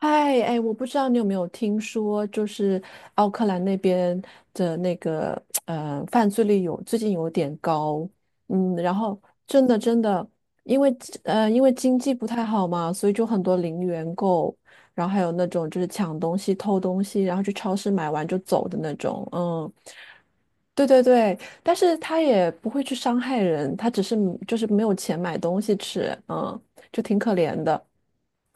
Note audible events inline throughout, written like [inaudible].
哎哎，我不知道你有没有听说，就是奥克兰那边的那个犯罪率最近有点高，然后真的真的。因为因为经济不太好嘛，所以就很多零元购，然后还有那种就是抢东西、偷东西，然后去超市买完就走的那种，嗯。对对对，但是他也不会去伤害人，他只是就是没有钱买东西吃，就挺可怜的。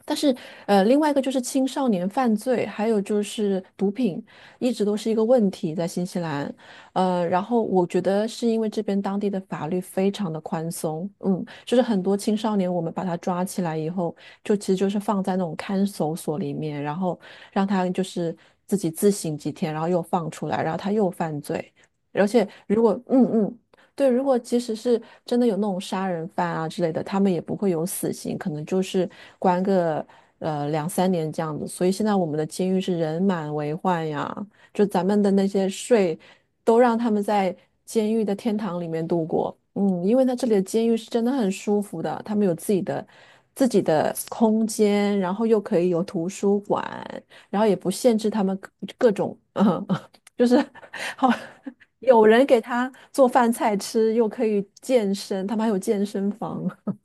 但是，另外一个就是青少年犯罪，还有就是毒品，一直都是一个问题在新西兰。然后我觉得是因为这边当地的法律非常的宽松，就是很多青少年我们把他抓起来以后，就其实就是放在那种看守所里面，然后让他就是自己自省几天，然后又放出来，然后他又犯罪。而且如果嗯嗯，对，如果即使是真的有那种杀人犯啊之类的，他们也不会有死刑，可能就是关个2、3年这样子。所以现在我们的监狱是人满为患呀，就咱们的那些税都让他们在监狱的天堂里面度过。嗯，因为他这里的监狱是真的很舒服的，他们有自己的空间，然后又可以有图书馆，然后也不限制他们各种，[laughs] 就是 [laughs] 好。有人给他做饭菜吃，又可以健身，他们还有健身房。[laughs]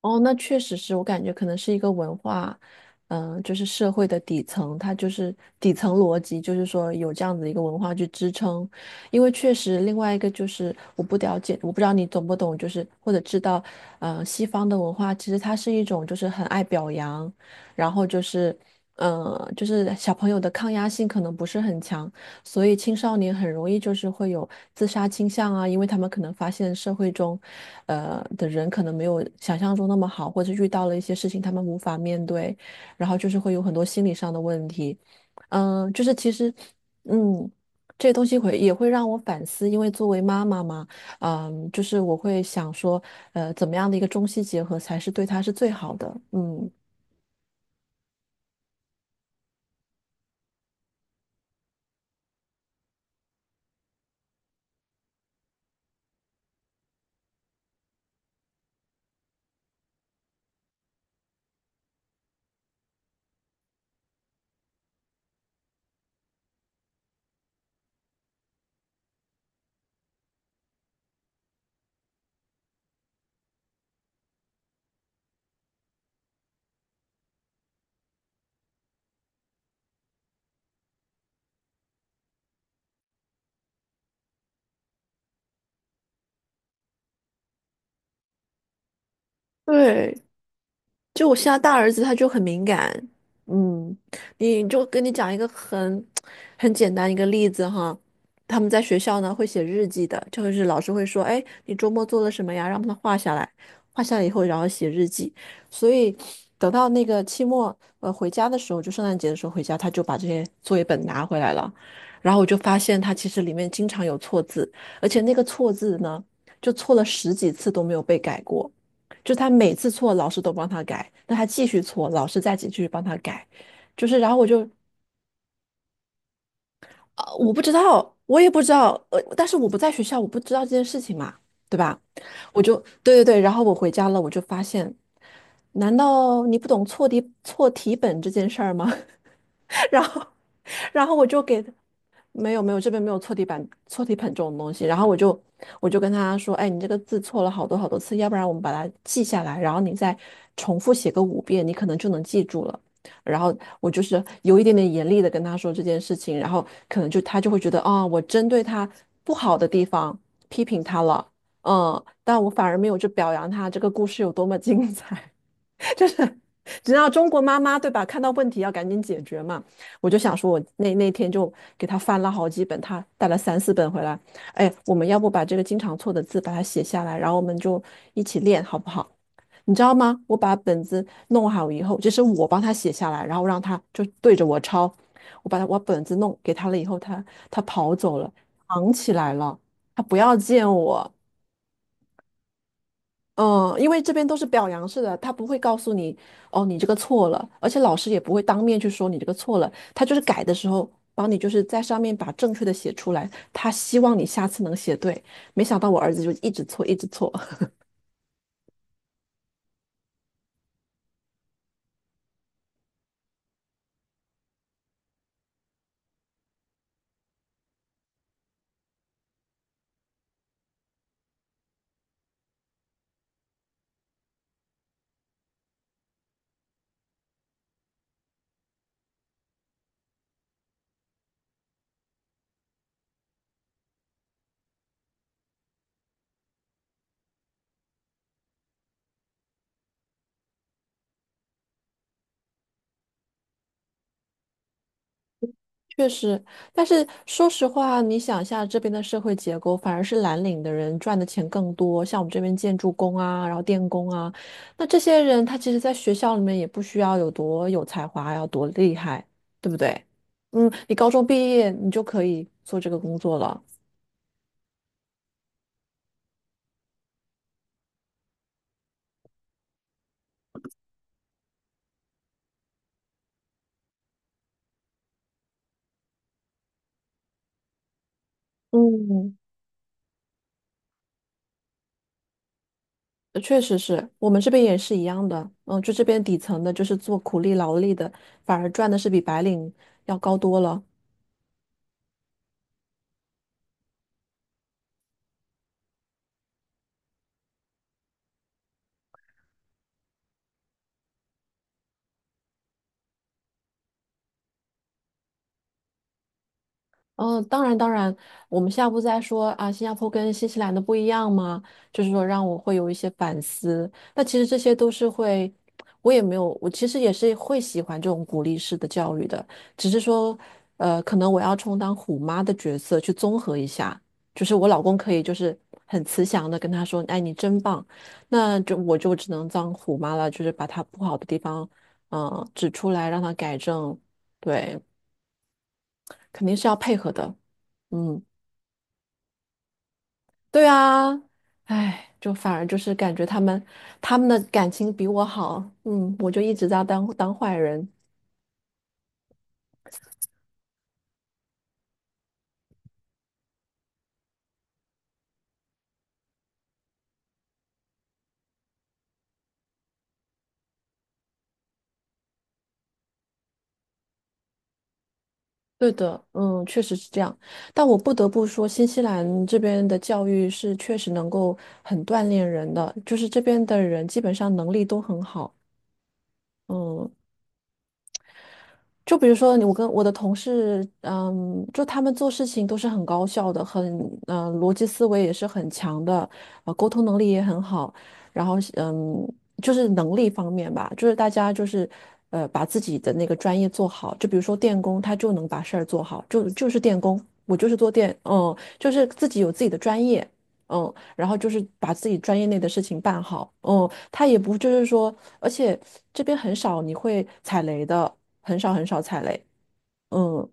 哦，那确实是我感觉可能是一个文化，就是社会的底层，它就是底层逻辑，就是说有这样子一个文化去支撑。因为确实，另外一个就是我不了解，我不知道你懂不懂，就是或者知道，西方的文化其实它是一种就是很爱表扬，然后就是。就是小朋友的抗压性可能不是很强，所以青少年很容易就是会有自杀倾向啊，因为他们可能发现社会中的人可能没有想象中那么好，或者遇到了一些事情他们无法面对，然后就是会有很多心理上的问题。就是其实，嗯，这些东西会也会让我反思，因为作为妈妈嘛，就是我会想说，怎么样的一个中西结合才是对他是最好的，嗯。对，就我现在大儿子他就很敏感，嗯，你就跟你讲一个很简单一个例子哈。他们在学校呢会写日记的，就是老师会说，哎，你周末做了什么呀？让他画下来，画下来以后然后写日记，所以等到那个期末回家的时候，就圣诞节的时候回家，他就把这些作业本拿回来了，然后我就发现他其实里面经常有错字，而且那个错字呢，就错了10几次都没有被改过。就他每次错，老师都帮他改，那他继续错，老师再继续帮他改，就是然后我就啊，我不知道，我也不知道，但是我不在学校，我不知道这件事情嘛，对吧？我就对对对，然后我回家了，我就发现，难道你不懂错题本这件事儿吗？[laughs] 然后，然后我就给他。没有没有，这边没有错题板、错题本这种东西。然后我就跟他说，哎，你这个字错了好多好多次，要不然我们把它记下来，然后你再重复写个5遍，你可能就能记住了。然后我就是有一点点严厉的跟他说这件事情，然后可能就他就会觉得，啊、我针对他不好的地方批评他了，但我反而没有去表扬他这个故事有多么精彩。就是只要中国妈妈对吧，看到问题要赶紧解决嘛。我就想说，我那天就给他翻了好几本，他带了3、4本回来。哎，我们要不把这个经常错的字把它写下来，然后我们就一起练，好不好？你知道吗？我把本子弄好以后，这是我帮他写下来，然后让他就对着我抄。我把本子弄给他了以后，他跑走了，藏起来了，他不要见我。嗯，因为这边都是表扬式的，他不会告诉你哦，你这个错了，而且老师也不会当面去说你这个错了，他就是改的时候帮你就是在上面把正确的写出来，他希望你下次能写对。没想到我儿子就一直错，一直错。确实，但是说实话，你想一下这边的社会结构，反而是蓝领的人赚的钱更多，像我们这边建筑工啊，然后电工啊，那这些人他其实在学校里面也不需要有多有才华，要多厉害，对不对？你高中毕业你就可以做这个工作了。嗯，确实是我们这边也是一样的。嗯，就这边底层的，就是做苦力劳力的，反而赚的是比白领要高多了。嗯，当然当然，我们下步再说啊，新加坡跟新西兰的不一样吗？就是说让我会有一些反思。那其实这些都是会，我也没有，我其实也是会喜欢这种鼓励式的教育的，只是说，可能我要充当虎妈的角色去综合一下，就是我老公可以就是很慈祥的跟他说，哎，你真棒，那就我就只能当虎妈了，就是把他不好的地方，嗯、指出来让他改正，对，肯定是要配合的，嗯。对啊，哎，就反而就是感觉他们的感情比我好，我就一直在当坏人。对的，确实是这样。但我不得不说，新西兰这边的教育是确实能够很锻炼人的，就是这边的人基本上能力都很好，嗯。就比如说你，我跟我的同事，就他们做事情都是很高效的，很，逻辑思维也是很强的，沟通能力也很好，然后，就是能力方面吧，就是大家就是，把自己的那个专业做好，就比如说电工，他就能把事儿做好，就是电工。我就是做电，就是自己有自己的专业，然后就是把自己专业内的事情办好，他也不就是说。而且这边很少你会踩雷的，很少很少踩雷。嗯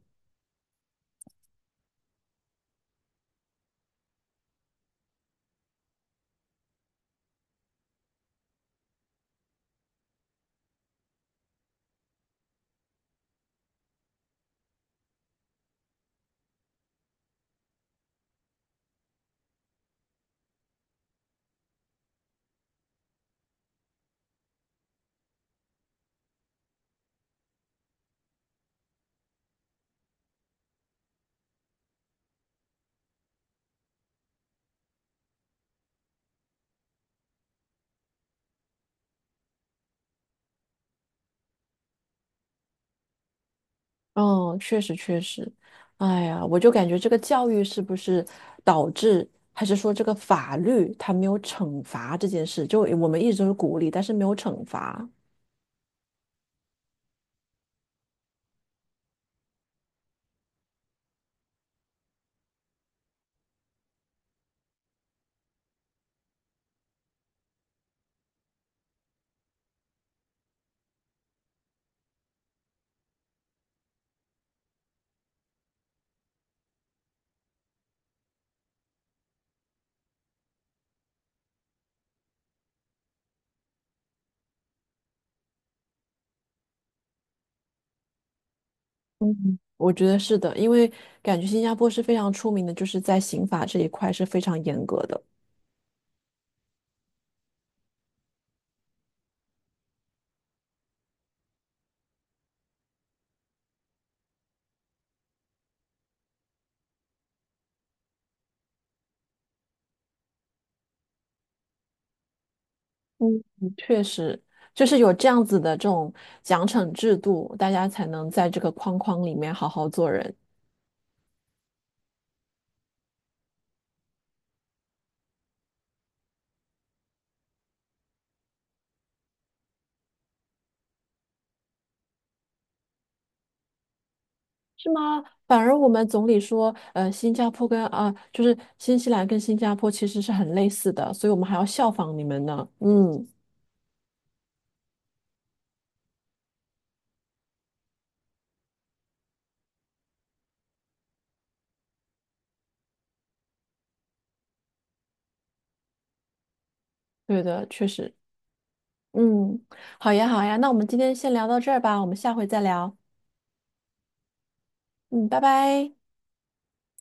嗯，确实确实，哎呀，我就感觉这个教育是不是导致，还是说这个法律它没有惩罚这件事？就我们一直都是鼓励，但是没有惩罚。嗯，我觉得是的，因为感觉新加坡是非常出名的，就是在刑法这一块是非常严格的。嗯，确实，就是有这样子的这种奖惩制度，大家才能在这个框框里面好好做人。是吗？反而我们总理说，新加坡跟啊、就是新西兰跟新加坡其实是很类似的，所以我们还要效仿你们呢。嗯，对的，确实。嗯，好呀，好呀，那我们今天先聊到这儿吧，我们下回再聊。嗯，拜拜。